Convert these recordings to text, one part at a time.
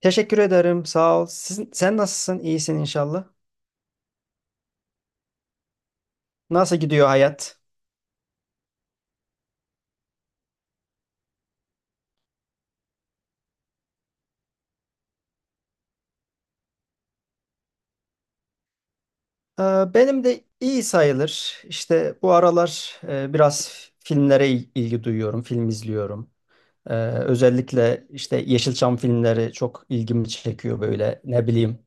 Teşekkür ederim. Sağ ol. Sen nasılsın? İyisin inşallah. Nasıl gidiyor hayat? Ee, Benim de iyi sayılır. İşte bu aralar biraz filmlere ilgi duyuyorum. Film izliyorum. Özellikle işte Yeşilçam filmleri çok ilgimi çekiyor böyle. Ne bileyim.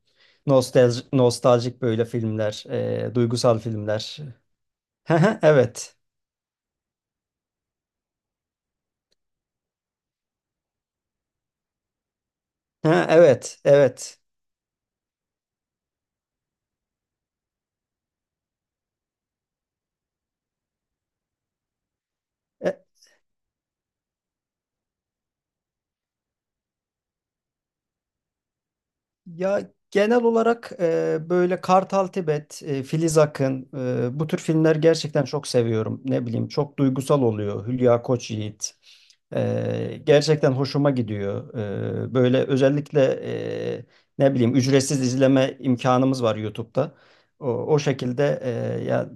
Nostalji, nostaljik böyle filmler, duygusal filmler. Evet. Ha, evet, evet. E, Ya genel olarak böyle Kartal Tibet, Filiz Akın, bu tür filmler gerçekten çok seviyorum. Ne bileyim, çok duygusal oluyor. Hülya Koçyiğit. Gerçekten hoşuma gidiyor. Böyle özellikle e, ne bileyim ücretsiz izleme imkanımız var YouTube'da. O şekilde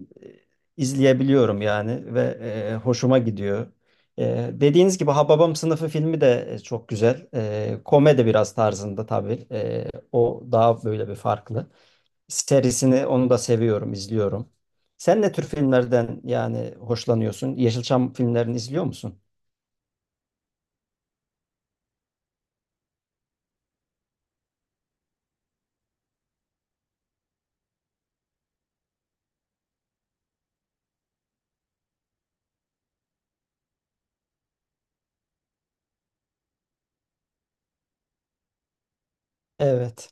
izleyebiliyorum yani ve hoşuma gidiyor. Dediğiniz gibi Hababam Sınıfı filmi de çok güzel. Komedi biraz tarzında tabii. O daha böyle bir farklı. Serisini onu da seviyorum, izliyorum. Sen ne tür filmlerden yani hoşlanıyorsun? Yeşilçam filmlerini izliyor musun? Evet.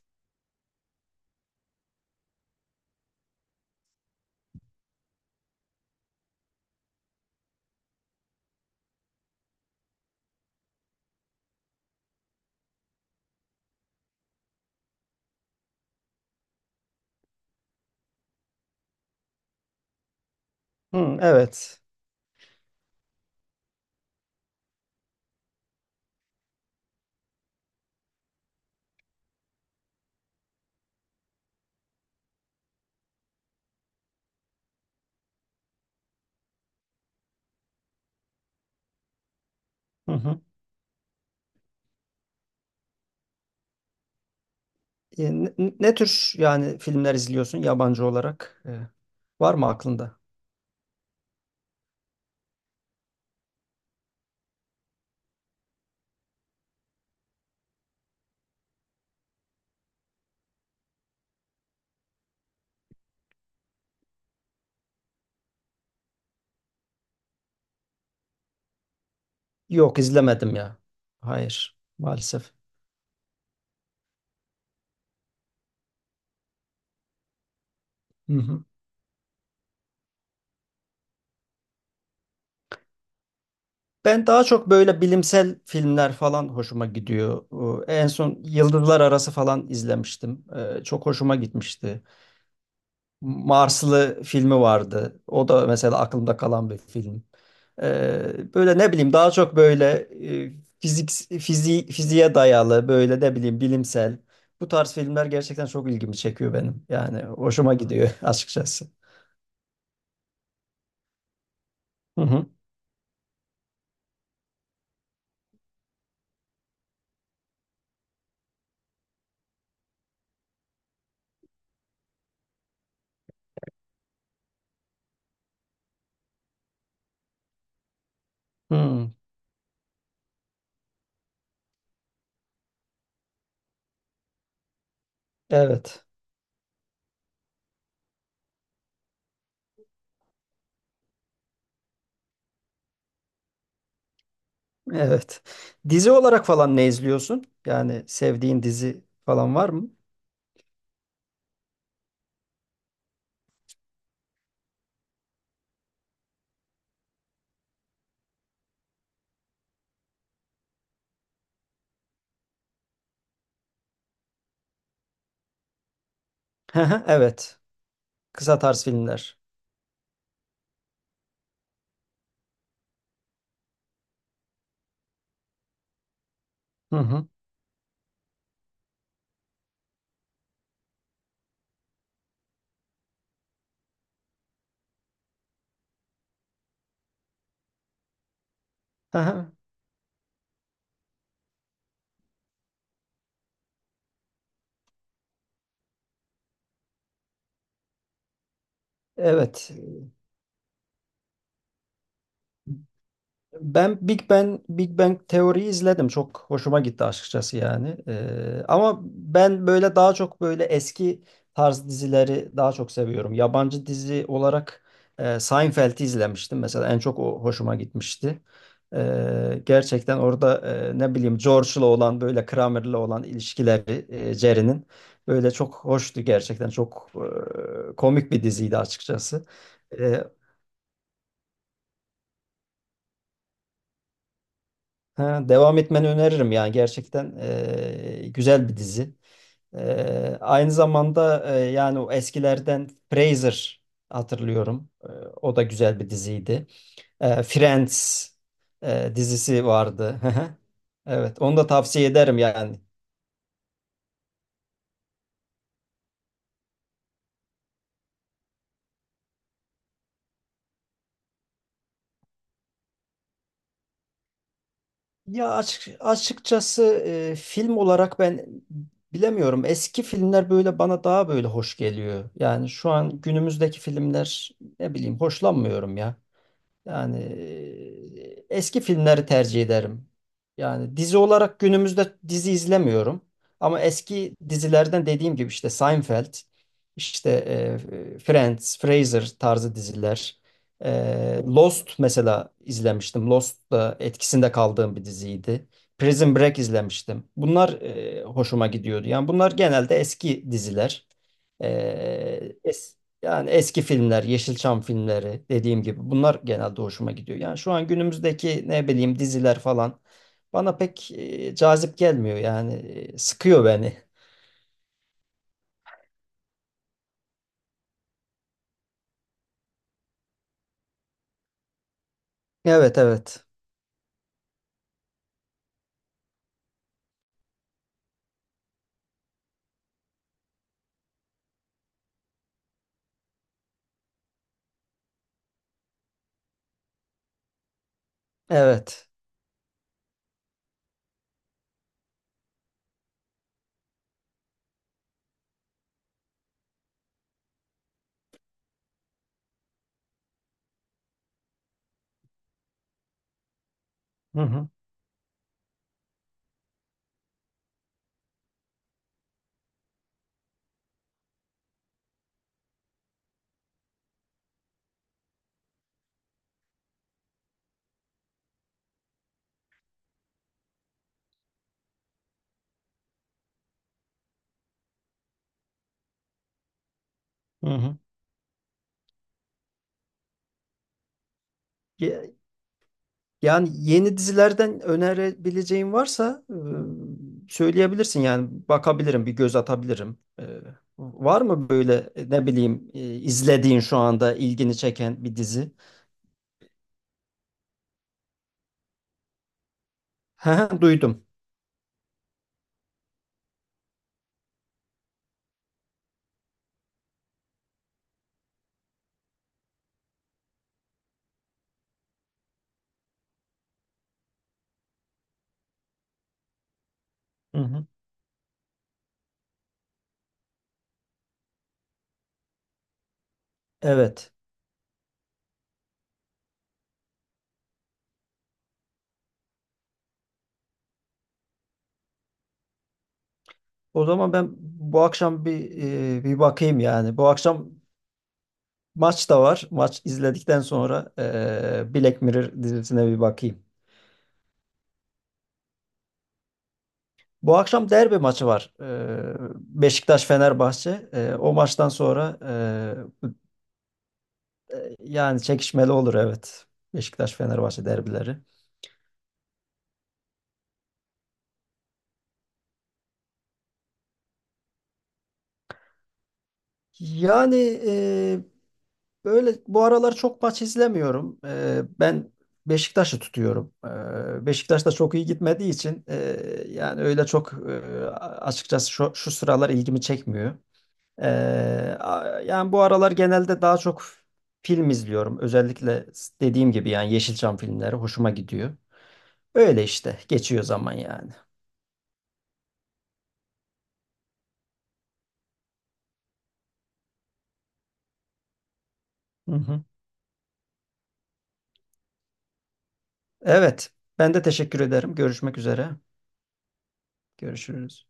Hı, evet. Hı hı. E, ne, Ne tür yani filmler izliyorsun yabancı olarak? E, var mı aklında? Yok, izlemedim ya. Hayır, maalesef. Hı hı. Ben daha çok böyle bilimsel filmler falan hoşuma gidiyor. En son Yıldızlar Arası falan izlemiştim. Çok hoşuma gitmişti. Marslı filmi vardı. O da mesela aklımda kalan bir film. Böyle ne bileyim daha çok böyle e, fizik fiziğe dayalı böyle ne bileyim bilimsel. Bu tarz filmler gerçekten çok ilgimi çekiyor benim. Yani hoşuma gidiyor açıkçası. Hı hı. Hı, evet. Evet. Dizi olarak falan ne izliyorsun? Yani sevdiğin dizi falan var mı? Evet. Kısa tarz filmler. Hı hı. Hı, evet. Ben Big Bang teoriyi izledim. Çok hoşuma gitti açıkçası yani. Ama ben böyle daha çok böyle eski tarz dizileri daha çok seviyorum. Yabancı dizi olarak Seinfeld'i izlemiştim mesela. En çok o hoşuma gitmişti. Gerçekten orada ne bileyim George'la olan böyle Kramer'la olan ilişkileri Jerry'nin böyle çok hoştu gerçekten. Çok komik bir diziydi açıkçası. Ee, Ha, devam etmeni öneririm yani gerçekten güzel bir dizi. Aynı zamanda yani o eskilerden Frasier hatırlıyorum. E, o da güzel bir diziydi. Friends dizisi vardı. Evet, onu da tavsiye ederim yani. Açıkçası film olarak ben bilemiyorum. Eski filmler böyle bana daha böyle hoş geliyor. Yani şu an günümüzdeki filmler ne bileyim hoşlanmıyorum ya. Yani eski filmleri tercih ederim. Yani dizi olarak günümüzde dizi izlemiyorum. Ama eski dizilerden dediğim gibi işte Seinfeld, işte Friends, Frasier tarzı diziler. E, Lost mesela izlemiştim. Lost da etkisinde kaldığım bir diziydi. Prison Break izlemiştim. Bunlar hoşuma gidiyordu. Yani bunlar genelde eski diziler. E, es- Yani eski filmler, Yeşilçam filmleri dediğim gibi bunlar genelde hoşuma gidiyor. Yani şu an günümüzdeki ne bileyim diziler falan bana pek cazip gelmiyor yani, sıkıyor beni. Evet, evet. Evet. Hı hı. Hı hı. Ye- Yani yeni dizilerden önerebileceğin varsa söyleyebilirsin yani, bakabilirim, bir göz atabilirim. E, var mı böyle ne bileyim izlediğin şu anda ilgini çeken bir dizi? Hı hı, duydum. Hı hı. Evet. O zaman ben bu akşam bir bir bakayım yani. Bu akşam maç da var. Maç izledikten sonra Black Mirror dizisine bir bakayım. Bu akşam derbi maçı var. E, Beşiktaş-Fenerbahçe. E, o maçtan sonra yani çekişmeli olur evet. Beşiktaş-Fenerbahçe derbileri. Yani e, böyle bu aralar çok maç izlemiyorum. Ben Beşiktaş'ı tutuyorum. Beşiktaş da çok iyi gitmediği için yani öyle çok açıkçası şu sıralar ilgimi çekmiyor. Yani bu aralar genelde daha çok film izliyorum. Özellikle dediğim gibi yani Yeşilçam filmleri hoşuma gidiyor. Öyle işte geçiyor zaman yani. Hı hı. Evet. Ben de teşekkür ederim. Görüşmek üzere. Görüşürüz.